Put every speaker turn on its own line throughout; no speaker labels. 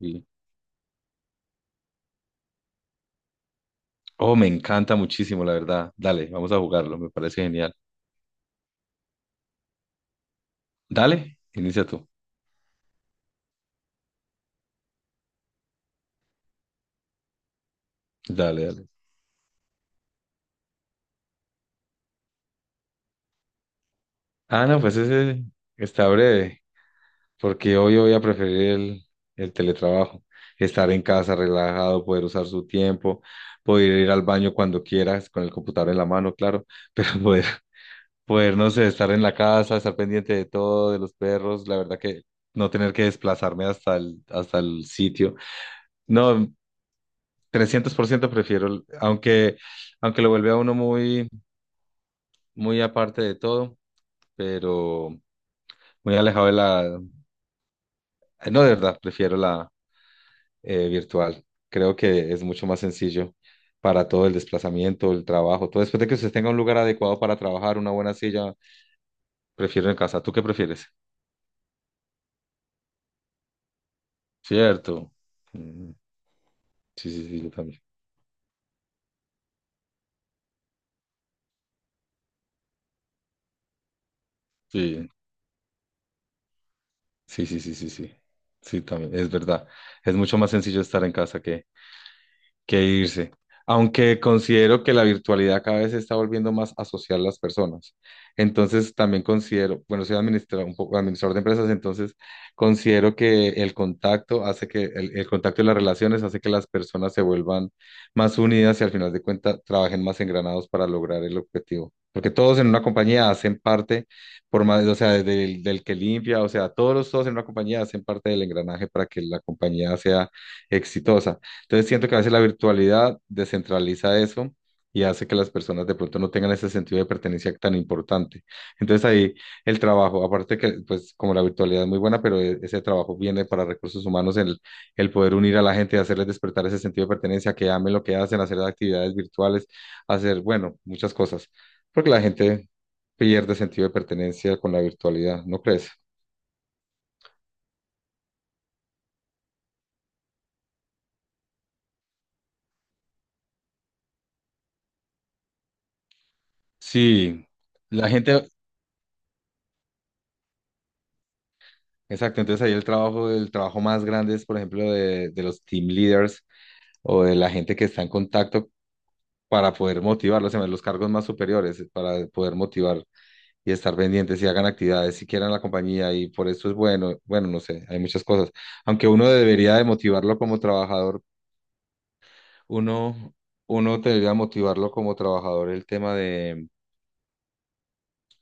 Sí. Oh, me encanta muchísimo, la verdad. Dale, vamos a jugarlo, me parece genial. Dale, inicia tú. Dale, dale. Ah, no, pues ese está breve, porque hoy voy a preferir el teletrabajo. Estar en casa relajado, poder usar su tiempo, poder ir al baño cuando quieras, con el computador en la mano, claro, pero poder, no sé, estar en la casa, estar pendiente de todo, de los perros, la verdad que no tener que desplazarme hasta el sitio. No, 300% prefiero, aunque lo vuelve a uno muy, muy aparte de todo, pero muy alejado de la. No, de verdad, prefiero la virtual. Creo que es mucho más sencillo para todo el desplazamiento, el trabajo, todo. Después de que usted tenga un lugar adecuado para trabajar, una buena silla, prefiero en casa. ¿Tú qué prefieres? Cierto. Mm, sí, sí, sí, yo también. Sí, sí, sí, sí, sí, sí. Sí, también, es verdad. Es mucho más sencillo estar en casa que irse. Aunque considero que la virtualidad cada vez se está volviendo más a asociar las personas. Entonces también considero, bueno, soy un poco administrador de empresas, entonces considero que el contacto hace que el contacto y las relaciones hace que las personas se vuelvan más unidas y al final de cuentas trabajen más engranados para lograr el objetivo. Porque todos en una compañía hacen parte, por más, o sea, del que limpia, o sea, todos, todos en una compañía hacen parte del engranaje para que la compañía sea exitosa. Entonces siento que a veces la virtualidad descentraliza eso y hace que las personas de pronto no tengan ese sentido de pertenencia tan importante. Entonces ahí el trabajo, aparte que pues como la virtualidad es muy buena, pero ese trabajo viene para recursos humanos, el poder unir a la gente y hacerles despertar ese sentido de pertenencia, que amen lo que hacen, hacer actividades virtuales, hacer, bueno, muchas cosas, porque la gente pierde sentido de pertenencia con la virtualidad, ¿no crees? Sí, la gente. Exacto, entonces ahí el trabajo, más grande es, por ejemplo, de los team leaders o de la gente que está en contacto para poder motivarlos, en vez, de los cargos más superiores, para poder motivar y estar pendientes y hagan actividades si quieran la compañía y por eso es bueno, bueno, no sé, hay muchas cosas. Aunque uno debería de motivarlo como trabajador, uno, uno debería motivarlo como trabajador el tema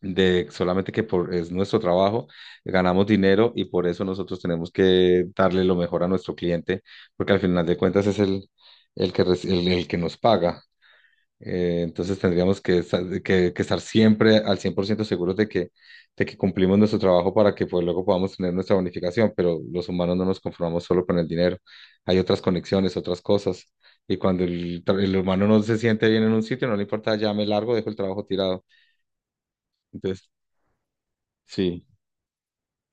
de solamente que por, es nuestro trabajo, ganamos dinero y por eso nosotros tenemos que darle lo mejor a nuestro cliente, porque al final de cuentas es el que nos paga. Entonces tendríamos que estar siempre al 100% seguros de que, cumplimos nuestro trabajo para que pues, luego podamos tener nuestra bonificación, pero los humanos no nos conformamos solo con el dinero, hay otras conexiones, otras cosas. Y cuando el humano no se siente bien en un sitio, no le importa, ya me largo, dejo el trabajo tirado. Entonces, sí.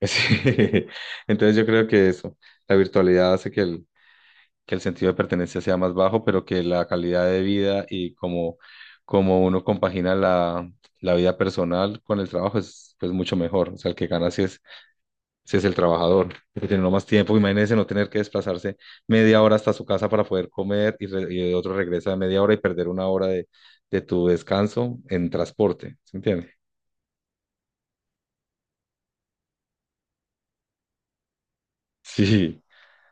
Sí. Entonces yo creo que eso, la virtualidad hace que el sentido de pertenencia sea más bajo, pero que la calidad de vida y como uno compagina la vida personal con el trabajo es pues mucho mejor. O sea, el que gana sí es el trabajador, porque tiene uno más tiempo. Imagínense no tener que desplazarse media hora hasta su casa para poder comer y otro regresa media hora y perder una hora de tu descanso en transporte. ¿Se entiende? Sí,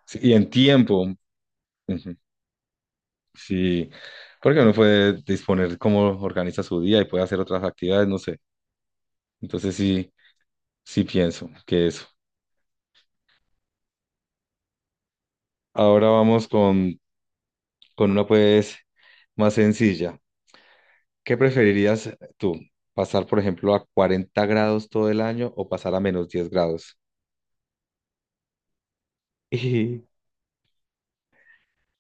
sí, y en tiempo. Ujú. Sí, porque uno puede disponer cómo organiza su día y puede hacer otras actividades, no sé. Entonces sí, sí pienso que eso. Ahora vamos con una pues más sencilla. ¿Qué preferirías tú? ¿Pasar, por ejemplo, a 40 grados todo el año o pasar a -10 grados? Y,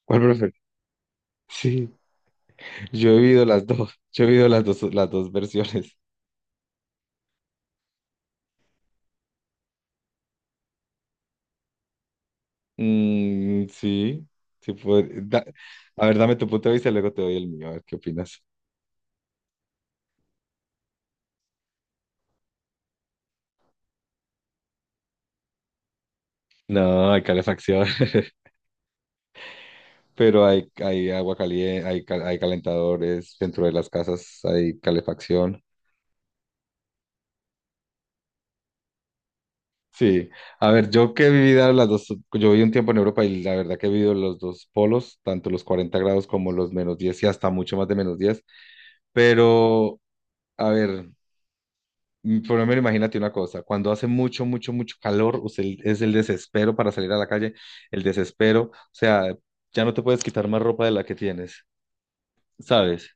¿cuál prefieres? Sí, yo he vivido las dos, yo he vivido las dos versiones. Mm, sí, sí, a ver, dame tu punto de vista y luego te doy el mío, a ver qué opinas. No, hay calefacción, pero hay agua caliente, hay calentadores dentro de las casas, hay calefacción. Sí, a ver, yo que he vivido las dos, yo viví un tiempo en Europa y la verdad que he vivido los dos polos, tanto los 40 grados como los -10 y hasta mucho más de -10. Pero a ver, por lo menos imagínate una cosa, cuando hace mucho, mucho, mucho calor, usted es el desespero para salir a la calle, el desespero, o sea, ya no te puedes quitar más ropa de la que tienes, ¿sabes?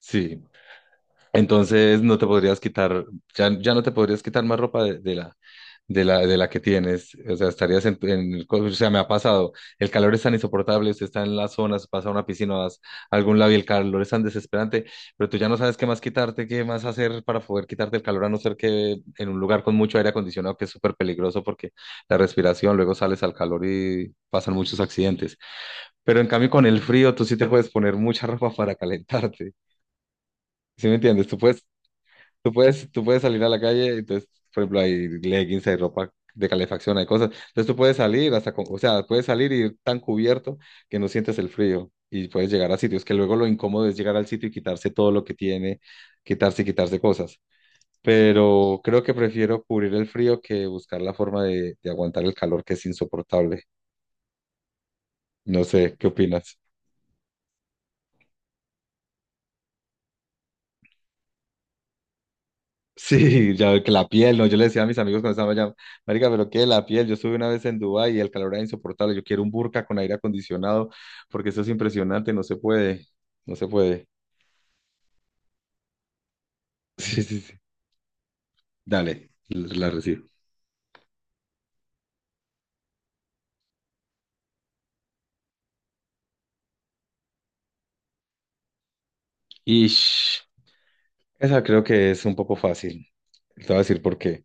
Sí. Entonces no te podrías quitar, ya no te podrías quitar más ropa de la que tienes. O sea, estarías en el, o sea, me ha pasado, el calor es tan insoportable, usted está en las zonas, pasa a una piscina, vas a algún lado y el calor es tan desesperante, pero tú ya no sabes qué más quitarte, qué más hacer para poder quitarte el calor, a no ser que en un lugar con mucho aire acondicionado, que es súper peligroso porque la respiración, luego sales al calor y pasan muchos accidentes. Pero en cambio con el frío, tú sí te puedes poner mucha ropa para calentarte. ¿Sí me entiendes? Tú puedes salir a la calle, entonces, por ejemplo, hay leggings, hay ropa de calefacción, hay cosas. Entonces tú puedes salir hasta, o sea, puedes salir y ir tan cubierto que no sientes el frío y puedes llegar a sitios que luego lo incómodo es llegar al sitio y quitarse todo lo que tiene, quitarse y quitarse cosas. Pero creo que prefiero cubrir el frío que buscar la forma de aguantar el calor que es insoportable. No sé, ¿qué opinas? Sí, ya que la piel, no, yo le decía a mis amigos cuando estaban allá, marica, pero qué la piel, yo estuve una vez en Dubái y el calor era insoportable, yo quiero un burka con aire acondicionado, porque eso es impresionante, no se puede, no se puede. Sí, sí, sí. Dale, la recibo. Y esa creo que es un poco fácil. Te voy a decir por qué.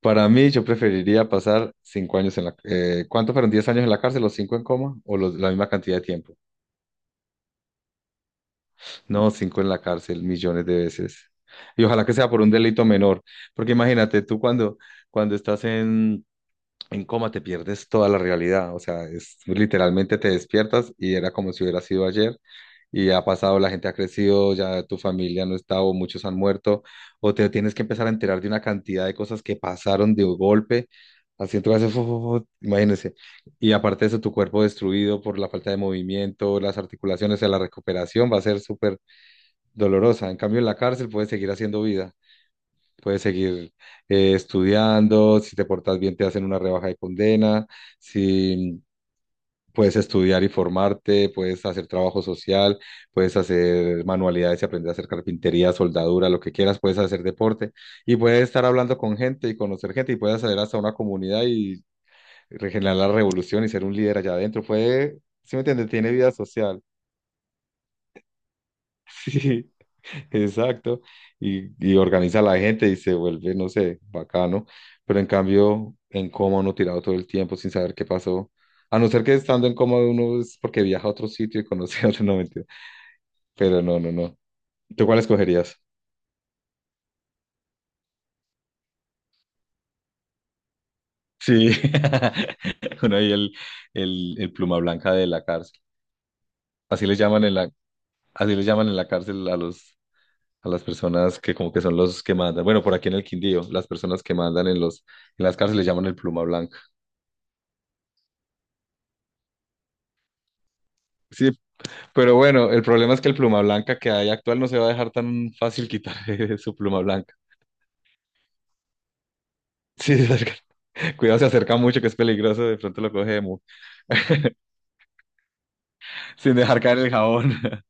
Para mí, yo preferiría pasar 5 años en la. ¿Cuánto fueron? ¿10 años en la cárcel? ¿Los cinco en coma? ¿O la misma cantidad de tiempo? No, cinco en la cárcel, millones de veces. Y ojalá que sea por un delito menor, porque imagínate, tú cuando estás en coma te pierdes toda la realidad, o sea, es, literalmente te despiertas y era como si hubiera sido ayer y ha pasado, la gente ha crecido, ya tu familia no está o muchos han muerto, o te tienes que empezar a enterar de una cantidad de cosas que pasaron de golpe, así entonces, imagínense, y aparte de eso, tu cuerpo destruido por la falta de movimiento, las articulaciones, o sea, la recuperación va a ser súper dolorosa. En cambio, en la cárcel puedes seguir haciendo vida, puedes seguir estudiando, si te portas bien te hacen una rebaja de condena, si puedes estudiar y formarte, puedes hacer trabajo social, puedes hacer manualidades y aprender a hacer carpintería, soldadura, lo que quieras, puedes hacer deporte y puedes estar hablando con gente y conocer gente y puedes hacer hasta una comunidad y regenerar la revolución y ser un líder allá adentro. Puede. ¿Sí me entiendes? Tiene vida social. Sí. Exacto, y organiza a la gente y se vuelve, no sé, bacano, pero en cambio en coma uno tirado todo el tiempo sin saber qué pasó, a no ser que estando en coma uno es porque viaja a otro sitio y conoce a otro, no mentira, pero no, no, no, ¿tú cuál escogerías? Sí, uno ahí el, el pluma blanca de la cárcel, así les llaman en la, cárcel a los, a las personas que como que son los que mandan, bueno, por aquí en el Quindío, las personas que mandan en las cárceles les llaman el pluma blanca, sí. Pero bueno, el problema es que el pluma blanca que hay actual no se va a dejar tan fácil quitar su pluma blanca. Sí, se acerca. Cuidado, se acerca mucho, que es peligroso, de pronto lo cogemos, sin dejar caer el jabón.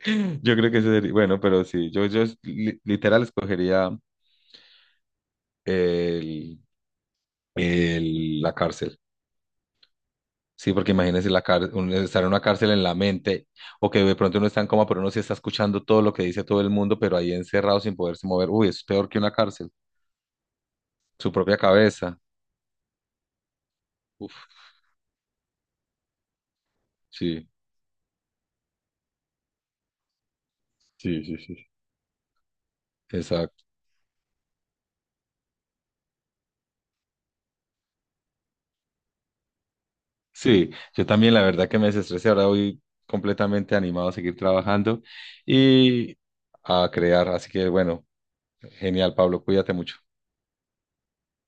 Yo creo que ese sería, bueno, pero sí, yo literal escogería el, la cárcel. Sí, porque imagínese estar en una cárcel en la mente, o que de pronto uno está en coma, pero uno sí está escuchando todo lo que dice todo el mundo, pero ahí encerrado sin poderse mover. Uy, es peor que una cárcel, su propia cabeza. Uf, sí. Sí, sí, sí. Exacto. Sí, yo también la verdad que me desestresé. Ahora voy completamente animado a seguir trabajando y a crear. Así que bueno, genial, Pablo, cuídate mucho.